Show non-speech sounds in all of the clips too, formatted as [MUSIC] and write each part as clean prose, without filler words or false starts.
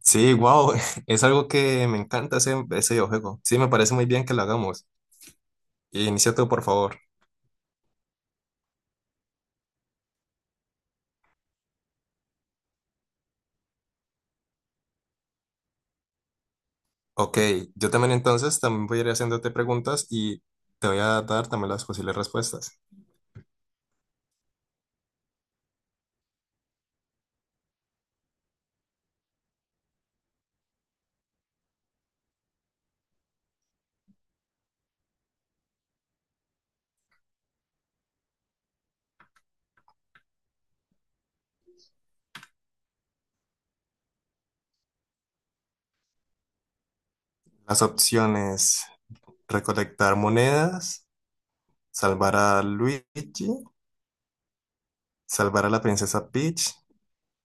Sí, wow, [LAUGHS] es algo que me encanta ese videojuego. Sí, me parece muy bien que lo hagamos. Inicia tú, por favor. Ok, yo también entonces también voy a ir haciéndote preguntas y te voy a dar también las posibles respuestas. Las opciones, recolectar monedas, salvar a Luigi, salvar a la princesa Peach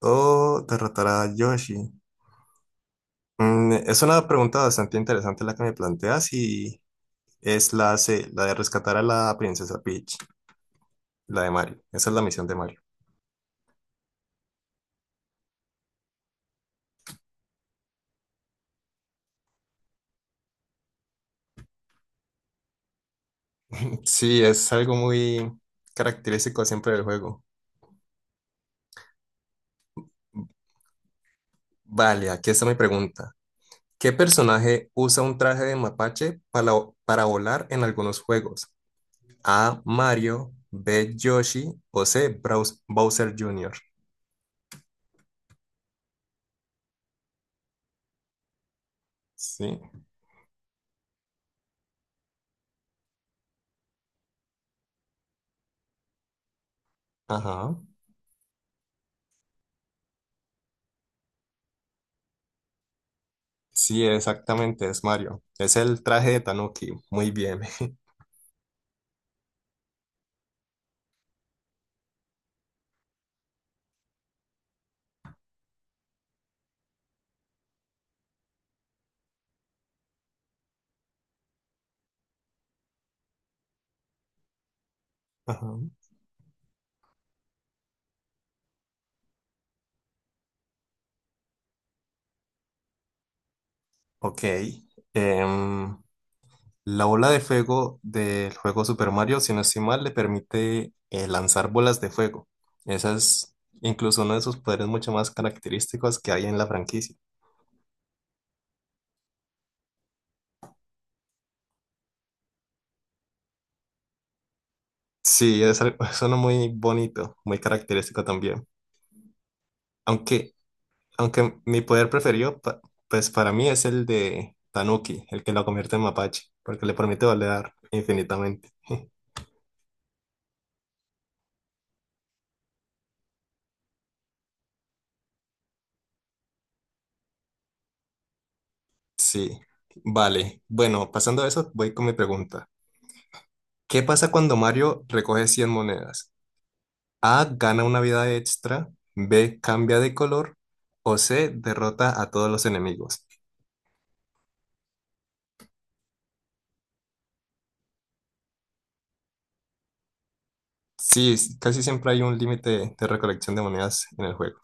o derrotar a Yoshi. Es una pregunta bastante interesante la que me planteas y es la C, la de rescatar a la princesa Peach, la de Mario. Esa es la misión de Mario. Sí, es algo muy característico siempre del juego. Vale, aquí está mi pregunta. ¿Qué personaje usa un traje de mapache para volar en algunos juegos? A. Mario, B. Yoshi o C. Bowser Jr. Sí, ajá. Sí, exactamente, es Mario. Es el traje de Tanuki. Muy bien. [LAUGHS] Ajá. Ok. Em, La bola de fuego del juego Super Mario, si no estoy mal, le permite lanzar bolas de fuego. Esa es incluso uno de sus poderes mucho más característicos que hay en la franquicia. Sí, es algo, es uno [LAUGHS] muy bonito, muy característico también. Aunque, aunque mi poder preferido, pues para mí es el de Tanuki, el que lo convierte en mapache, porque le permite volar infinitamente. [LAUGHS] Sí, vale. Bueno, pasando a eso, voy con mi pregunta. ¿Qué pasa cuando Mario recoge 100 monedas? A. Gana una vida extra. B. Cambia de color. O C. Derrota a todos los enemigos. Sí, casi siempre hay un límite de recolección de monedas en el juego.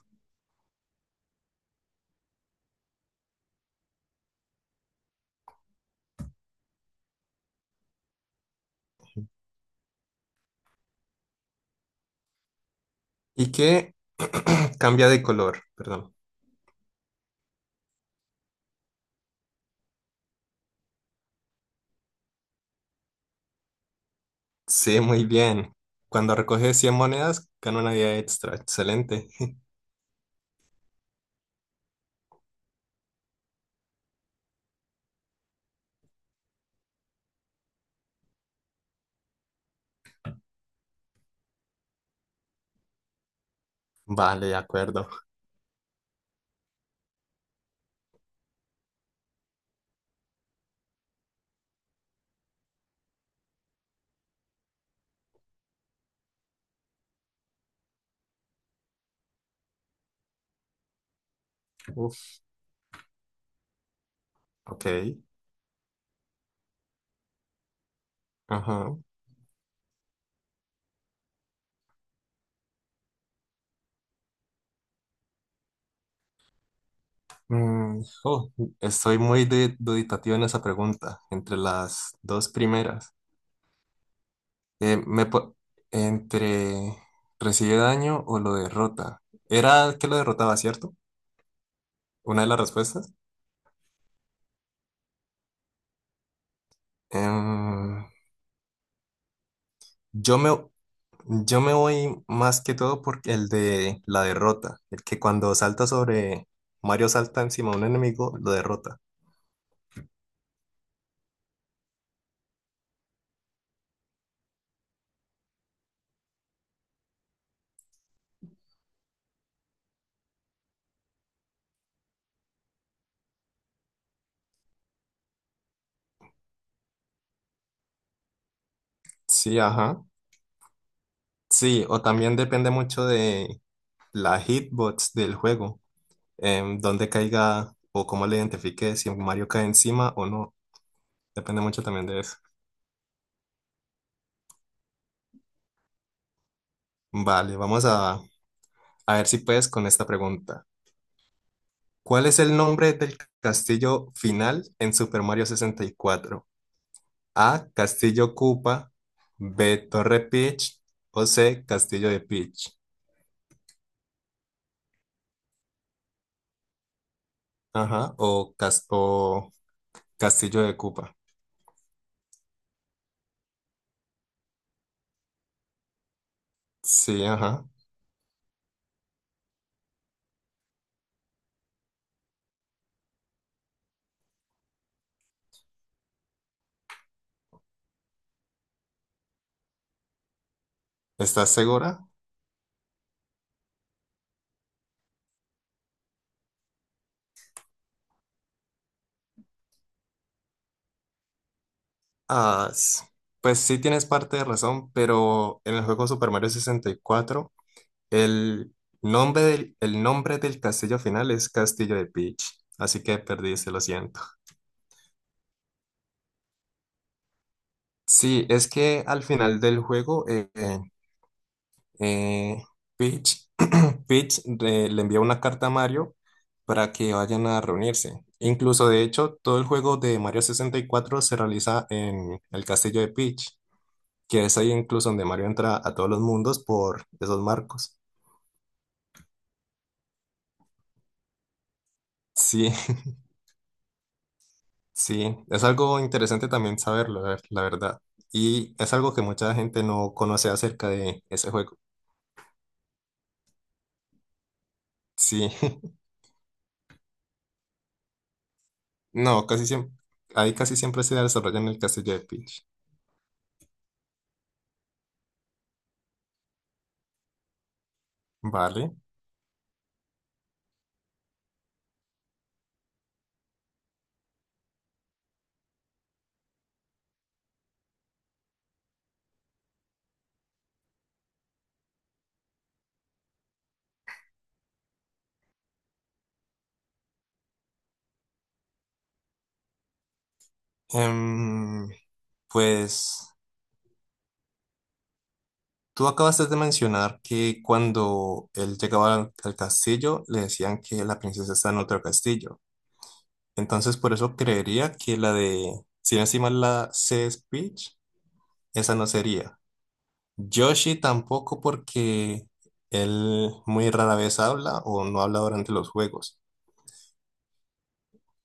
¿Y qué [CLEARS THROAT] cambia de color? Perdón. Sí, muy bien. Cuando recoge 100 monedas, gana una vida extra. Excelente. [LAUGHS] Vale, de acuerdo. Uf, ok. Ajá. Oh, estoy muy duditativo en esa pregunta, entre las dos primeras. Eh, me po- Entre recibe daño o lo derrota. Era que lo derrotaba, ¿cierto? Una de las respuestas. Em, yo me, yo me voy más que todo por el de la derrota. El que cuando salta sobre Mario salta encima de un enemigo, lo derrota. Sí, ajá. Sí, o también depende mucho de la hitbox del juego. Dónde caiga o cómo le identifique si Mario cae encima o no. Depende mucho también de eso. Vale, vamos a A ver si puedes con esta pregunta. ¿Cuál es el nombre del castillo final en Super Mario 64? A. Castillo Koopa. B. Torre Peach. O C. Castillo de Peach. Ajá. O Castillo de Koopa. Sí, ajá. ¿Estás segura? Ah, pues sí tienes parte de razón, pero en el juego Super Mario 64, el el nombre del castillo final es Castillo de Peach. Así que perdiste, lo siento. Sí, es que al final del juego, eh, Peach, Peach, le envía una carta a Mario para que vayan a reunirse. Incluso, de hecho, todo el juego de Mario 64 se realiza en el castillo de Peach, que es ahí incluso donde Mario entra a todos los mundos por esos marcos. Sí, [LAUGHS] sí, es algo interesante también saberlo, la verdad. Y es algo que mucha gente no conoce acerca de ese juego. Sí. [LAUGHS] No, casi siempre, ahí casi siempre se desarrolla en el castillo de Peach. Vale. Em, pues tú acabaste de mencionar que cuando él llegaba al castillo le decían que la princesa está en otro castillo. Entonces por eso creería que la de, si no estoy mal, la C es Peach, esa no sería. Yoshi tampoco porque él muy rara vez habla o no habla durante los juegos.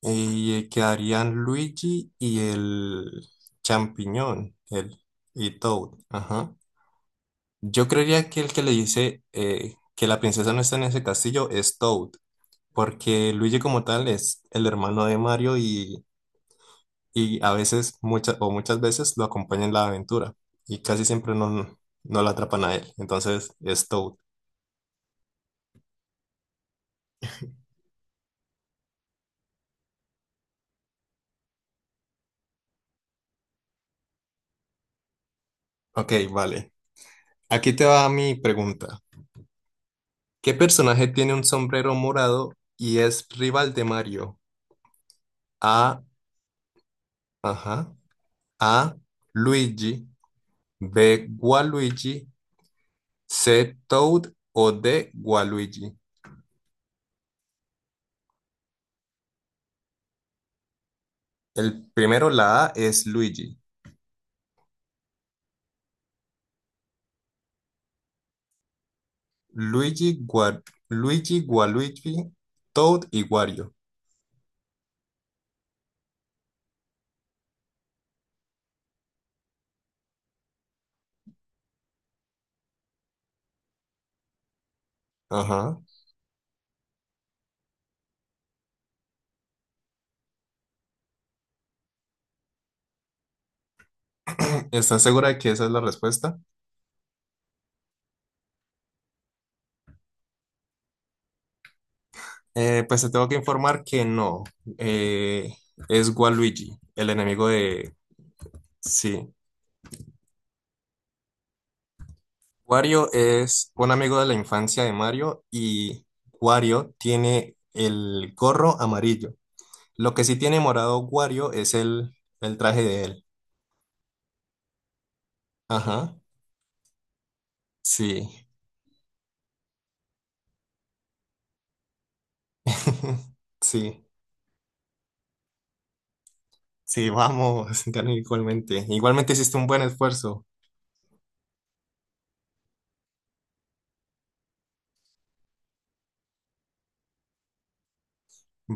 Y quedarían Luigi y el champiñón, el y Toad. Ajá. Yo creería que el que le dice que la princesa no está en ese castillo es Toad, porque Luigi como tal es el hermano de Mario y a veces, muchas o muchas veces lo acompaña en la aventura y casi siempre no, no lo atrapan a él. Entonces es Toad. Ok, vale. Aquí te va mi pregunta. ¿Qué personaje tiene un sombrero morado y es rival de Mario? A. Ajá. A, Luigi, B, Gualuigi, C, Toad o D, Gualuigi. El primero, la A, es Luigi. Luigi, Gua- Luigi, Gualuigi, Toad y Wario. Ajá. [CLEARS THROAT] ¿Estás segura de que esa es la respuesta? Pues te tengo que informar que no. Eh, es Waluigi, el enemigo de... Sí. Wario es un amigo de la infancia de Mario y Wario tiene el gorro amarillo. Lo que sí tiene morado Wario es el traje de él. Ajá. Sí. [LAUGHS] Sí. Sí, vamos. [LAUGHS] Gané igualmente. Igualmente hiciste un buen esfuerzo.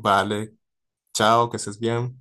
Vale. Chao, que estés bien.